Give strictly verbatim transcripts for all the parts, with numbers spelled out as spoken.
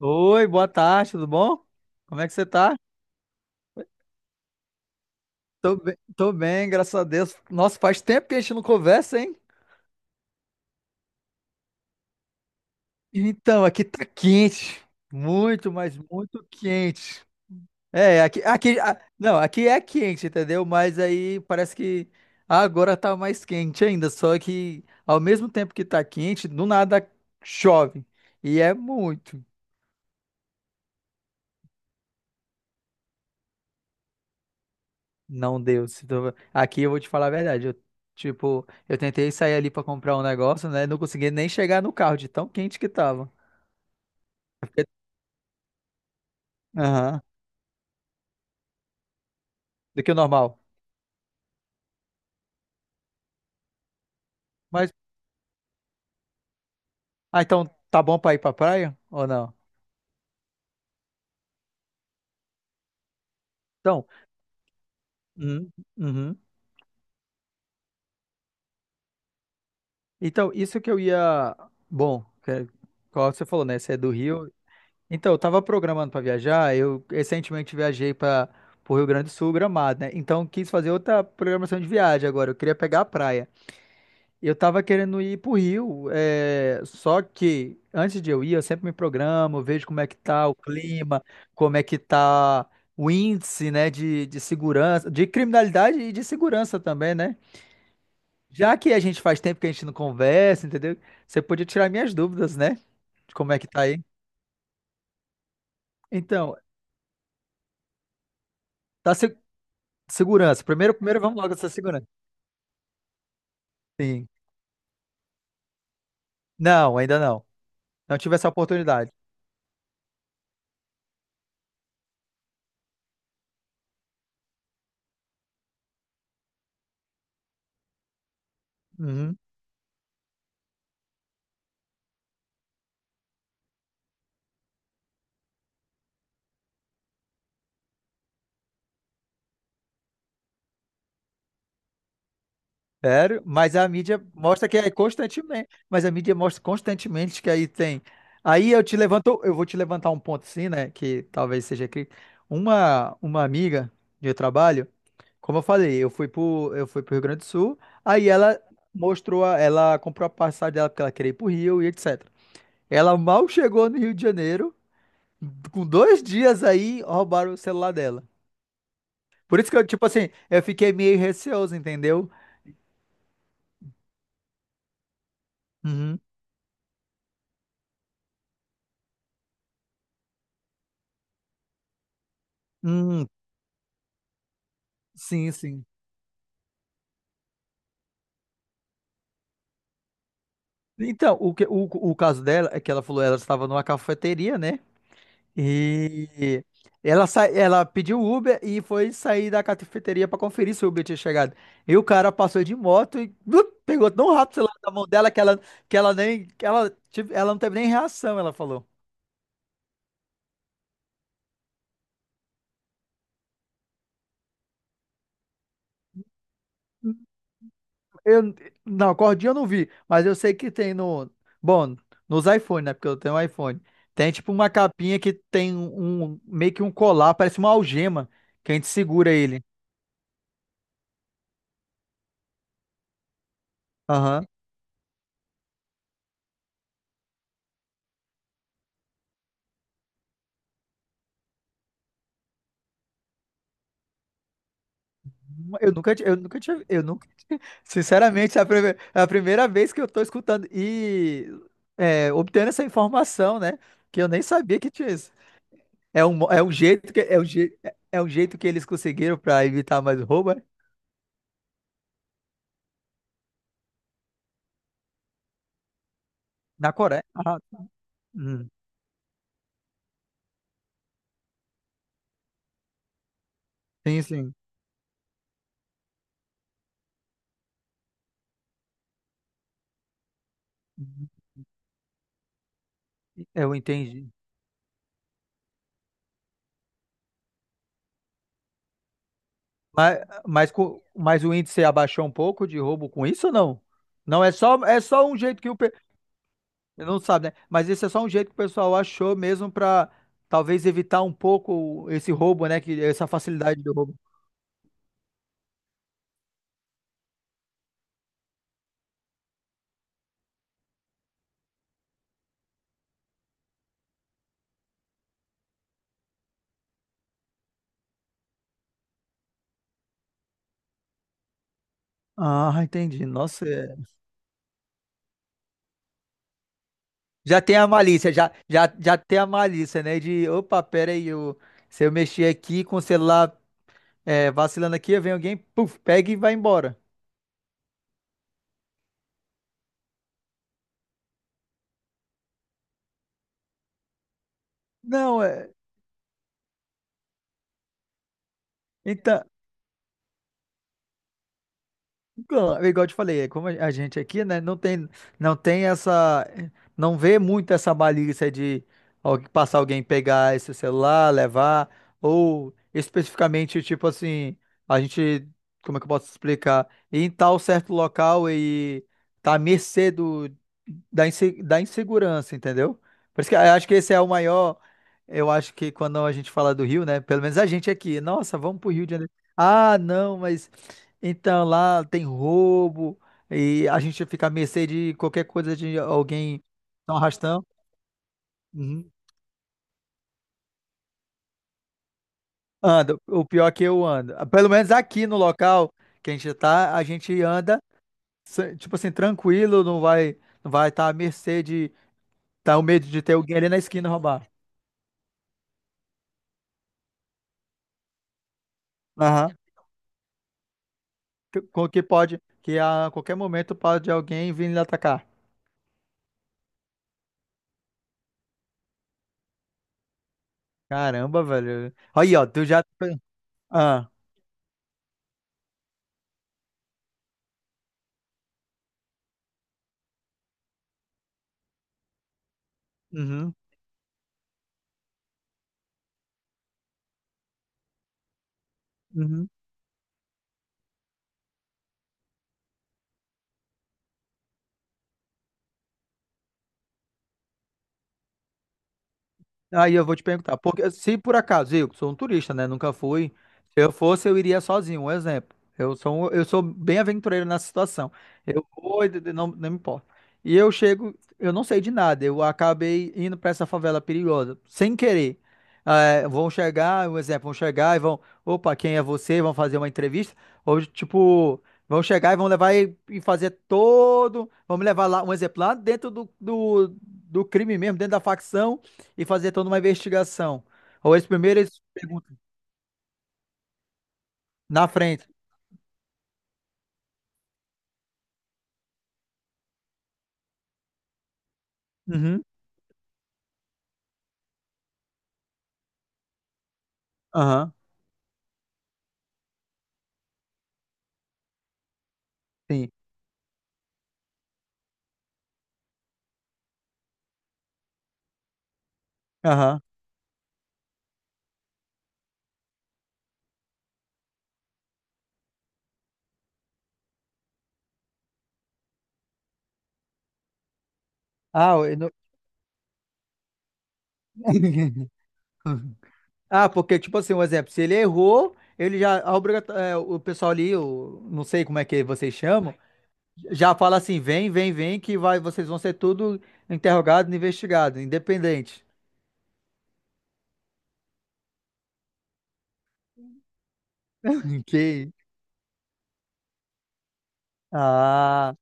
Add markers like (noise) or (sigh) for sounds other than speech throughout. Oi, boa tarde, tudo bom? Como é que você tá? Tô bem, tô bem, graças a Deus. Nossa, faz tempo que a gente não conversa, hein? Então, aqui tá quente. Muito, mas muito quente. É, aqui, aqui, a- não, aqui é quente, entendeu? Mas aí parece que agora tá mais quente ainda. Só que ao mesmo tempo que tá quente, do nada chove. E é muito. Não deu. Se tu- Aqui eu vou te falar a verdade. Eu, tipo, eu tentei sair ali pra comprar um negócio, né? Não consegui nem chegar no carro de tão quente que tava. Aham. Do que o normal. Mas, ah, então tá bom pra ir pra praia ou não? Então, uhum, uhum. Então, isso que eu ia. Bom, que- é, qual você falou, né? Você é do Rio. Então, eu tava programando pra viajar. Eu recentemente viajei para pro Rio Grande do Sul, Gramado, né? Então, eu quis fazer outra programação de viagem agora. Eu queria pegar a praia. Eu tava querendo ir pro Rio, é, só que antes de eu ir, eu sempre me programo, vejo como é que tá o clima, como é que tá o índice, né, de, de segurança, de criminalidade e de segurança também, né? Já que a gente faz tempo que a gente não conversa, entendeu? Você podia tirar minhas dúvidas, né? De como é que tá aí. Então, tá se- segurança. Primeiro, primeiro vamos logo dessa segurança. Sim. Não, ainda não. Não tive essa oportunidade. Uhum. Sério, mas a mídia mostra que é constantemente, mas a mídia mostra constantemente que aí tem. Aí eu te levanto, eu vou te levantar um ponto assim, né, que talvez seja crítico. Uma uma amiga de trabalho, como eu falei, eu fui pro eu fui pro Rio Grande do Sul, aí ela mostrou a- ela comprou a passagem dela porque ela queria ir pro Rio e etcétera. Ela mal chegou no Rio de Janeiro, com dois dias aí roubaram o celular dela. Por isso que eu, tipo assim, eu fiquei meio receoso, entendeu? Uhum. Hum, sim, sim. Então, o, que- o, o caso dela é que ela falou, ela estava numa cafeteria, né? E ela, sa- ela pediu Uber e foi sair da cafeteria para conferir se o Uber tinha chegado. E o cara passou de moto e blup, pegou tão rápido lá da mão dela que ela, que ela nem, que ela, tive- ela não teve nem reação, ela falou. Eu, não, cordinha eu não vi, mas eu sei que tem no, bom, nos iPhone, né? Porque eu tenho um iPhone. Tem tipo uma capinha que tem um, um, meio que um colar, parece uma algema que a gente segura ele. Aham. Eu nunca, ti- eu nunca tinha, eu nunca, sinceramente, é a, prime- é a primeira vez que eu tô escutando e é, obtendo essa informação, né? Que eu nem sabia que tinha isso. É um, mo- é um jeito que, é um, je- é um jeito que eles conseguiram para evitar mais roubo, é? Na Coreia? Ah, hum, sim, sim. Uhum. Eu entendi. Mas, mas, co- mas o índice abaixou um pouco de roubo com isso ou não? Não, é só, é só um jeito que o, pe- não sabe, né? Mas esse é só um jeito que o pessoal achou mesmo para talvez evitar um pouco esse roubo, né? Que, essa facilidade do roubo. Ah, entendi. Nossa, é- já tem a malícia, já, já, já tem a malícia, né? De, opa, pera aí, eu, se eu mexer aqui com o celular é, vacilando aqui, vem alguém, puf, pega e vai embora. Não, é. Então, Igual igual eu te falei, é como a gente aqui, né, não tem, não tem essa, não vê muito essa malícia de al- passar alguém pegar esse celular, levar, ou especificamente, tipo assim, a gente, como é que eu posso explicar? Ir em tal certo local e tá à mercê do, da, inse- da insegurança, entendeu? Por isso que eu acho que esse é o maior, eu acho que quando a gente fala do Rio, né, pelo menos a gente aqui, nossa, vamos pro Rio de Janeiro. Ah, não, mas então lá tem roubo e a gente fica à mercê de qualquer coisa de alguém dar um arrastão. Uhum. Anda, o pior é que eu ando. Ah, pelo menos aqui no local que a gente tá, a gente anda, se- tipo assim, tranquilo, não vai não vai estar à mercê de tá o medo de ter alguém ali na esquina roubar. Aham. Que- Com que pode, que a qualquer momento pode alguém vir lhe atacar. Caramba, velho. Aí, ó, tu já. Ah. Uhum. Uhum. Aí eu vou te perguntar, porque se por acaso eu sou um turista, né, nunca fui, se eu fosse eu iria sozinho, um exemplo. Eu sou um- eu sou bem aventureiro nessa situação. Eu vou, e de- não, não me importa. E eu chego, eu não sei de nada. Eu acabei indo para essa favela perigosa, sem querer. Eh, vão chegar, um exemplo, vão chegar e vão, opa, quem é você? Vão fazer uma entrevista ou tipo vão chegar e vão levar e e fazer todo. Vão me levar lá, um exemplo, lá dentro do, do, do crime mesmo, dentro da facção e fazer toda uma investigação. Ou eles primeiro eles perguntam na frente. Uhum. Aham. Sim. Aham. Ah, eu não- (laughs) Ah, porque, tipo assim, um exemplo, se ele errou, ele já, a obrigat- é, o pessoal ali, o, não sei como é que vocês chamam, já fala assim, vem, vem, vem, que vai, vocês vão ser tudo interrogado, investigado, independente. (laughs) Ok. Ah,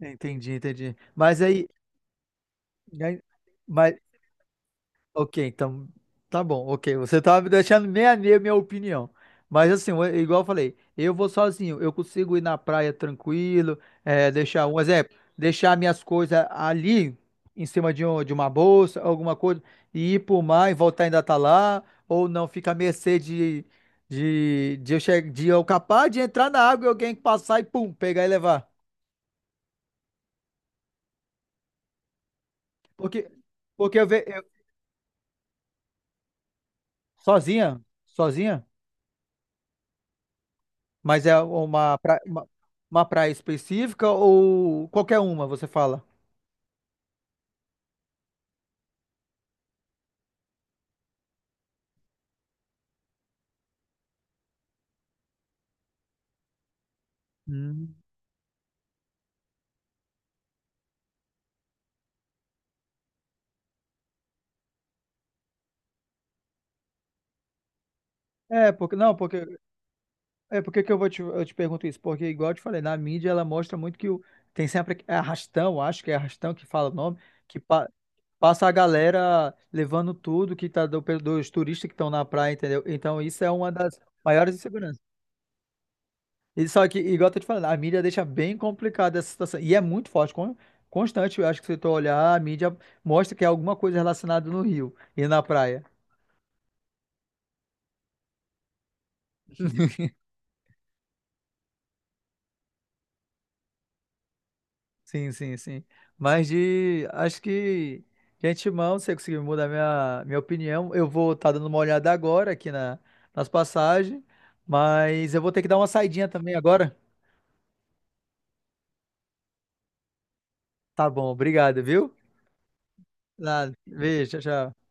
entendi, entendi. Mas aí, né, mas, ok, então tá bom, ok. Você tá me deixando meia meia minha opinião. Mas assim, eu- igual eu falei, eu vou sozinho, eu consigo ir na praia tranquilo, é, deixar um exemplo, deixar minhas coisas ali em cima de, um- de uma bolsa, alguma coisa, e ir pro mar e voltar ainda tá lá, ou não, fica à mercê de, de, de, eu, che- de eu capaz de entrar na água e alguém passar e pum, pegar e levar. Porque, porque eu vejo sozinha, sozinha. Mas é uma, pra- uma, uma praia específica ou qualquer uma, você fala? Hum. É, porque não, porque é porque que eu vou te, eu te pergunto isso, porque igual eu te falei, na mídia ela mostra muito que o, tem sempre é arrastão, acho que é arrastão que fala o nome, que pa- passa a galera levando tudo que tá do, dos turistas que estão na praia, entendeu? Então isso é uma das maiores inseguranças. E só que, igual eu tô te falando, a mídia deixa bem complicada essa situação. E é muito forte, con- constante. Eu acho que se tu olhar, a mídia mostra que é alguma coisa relacionada no rio e na praia. (laughs) Sim, sim, sim. Mas de. Acho que. Gente, mão, se eu conseguir mudar minha, minha opinião, eu vou estar dando uma olhada agora aqui na, nas passagens. Mas eu vou ter que dar uma saidinha também agora. Tá bom, obrigado, viu? Nada. Beijo, tchau, tchau.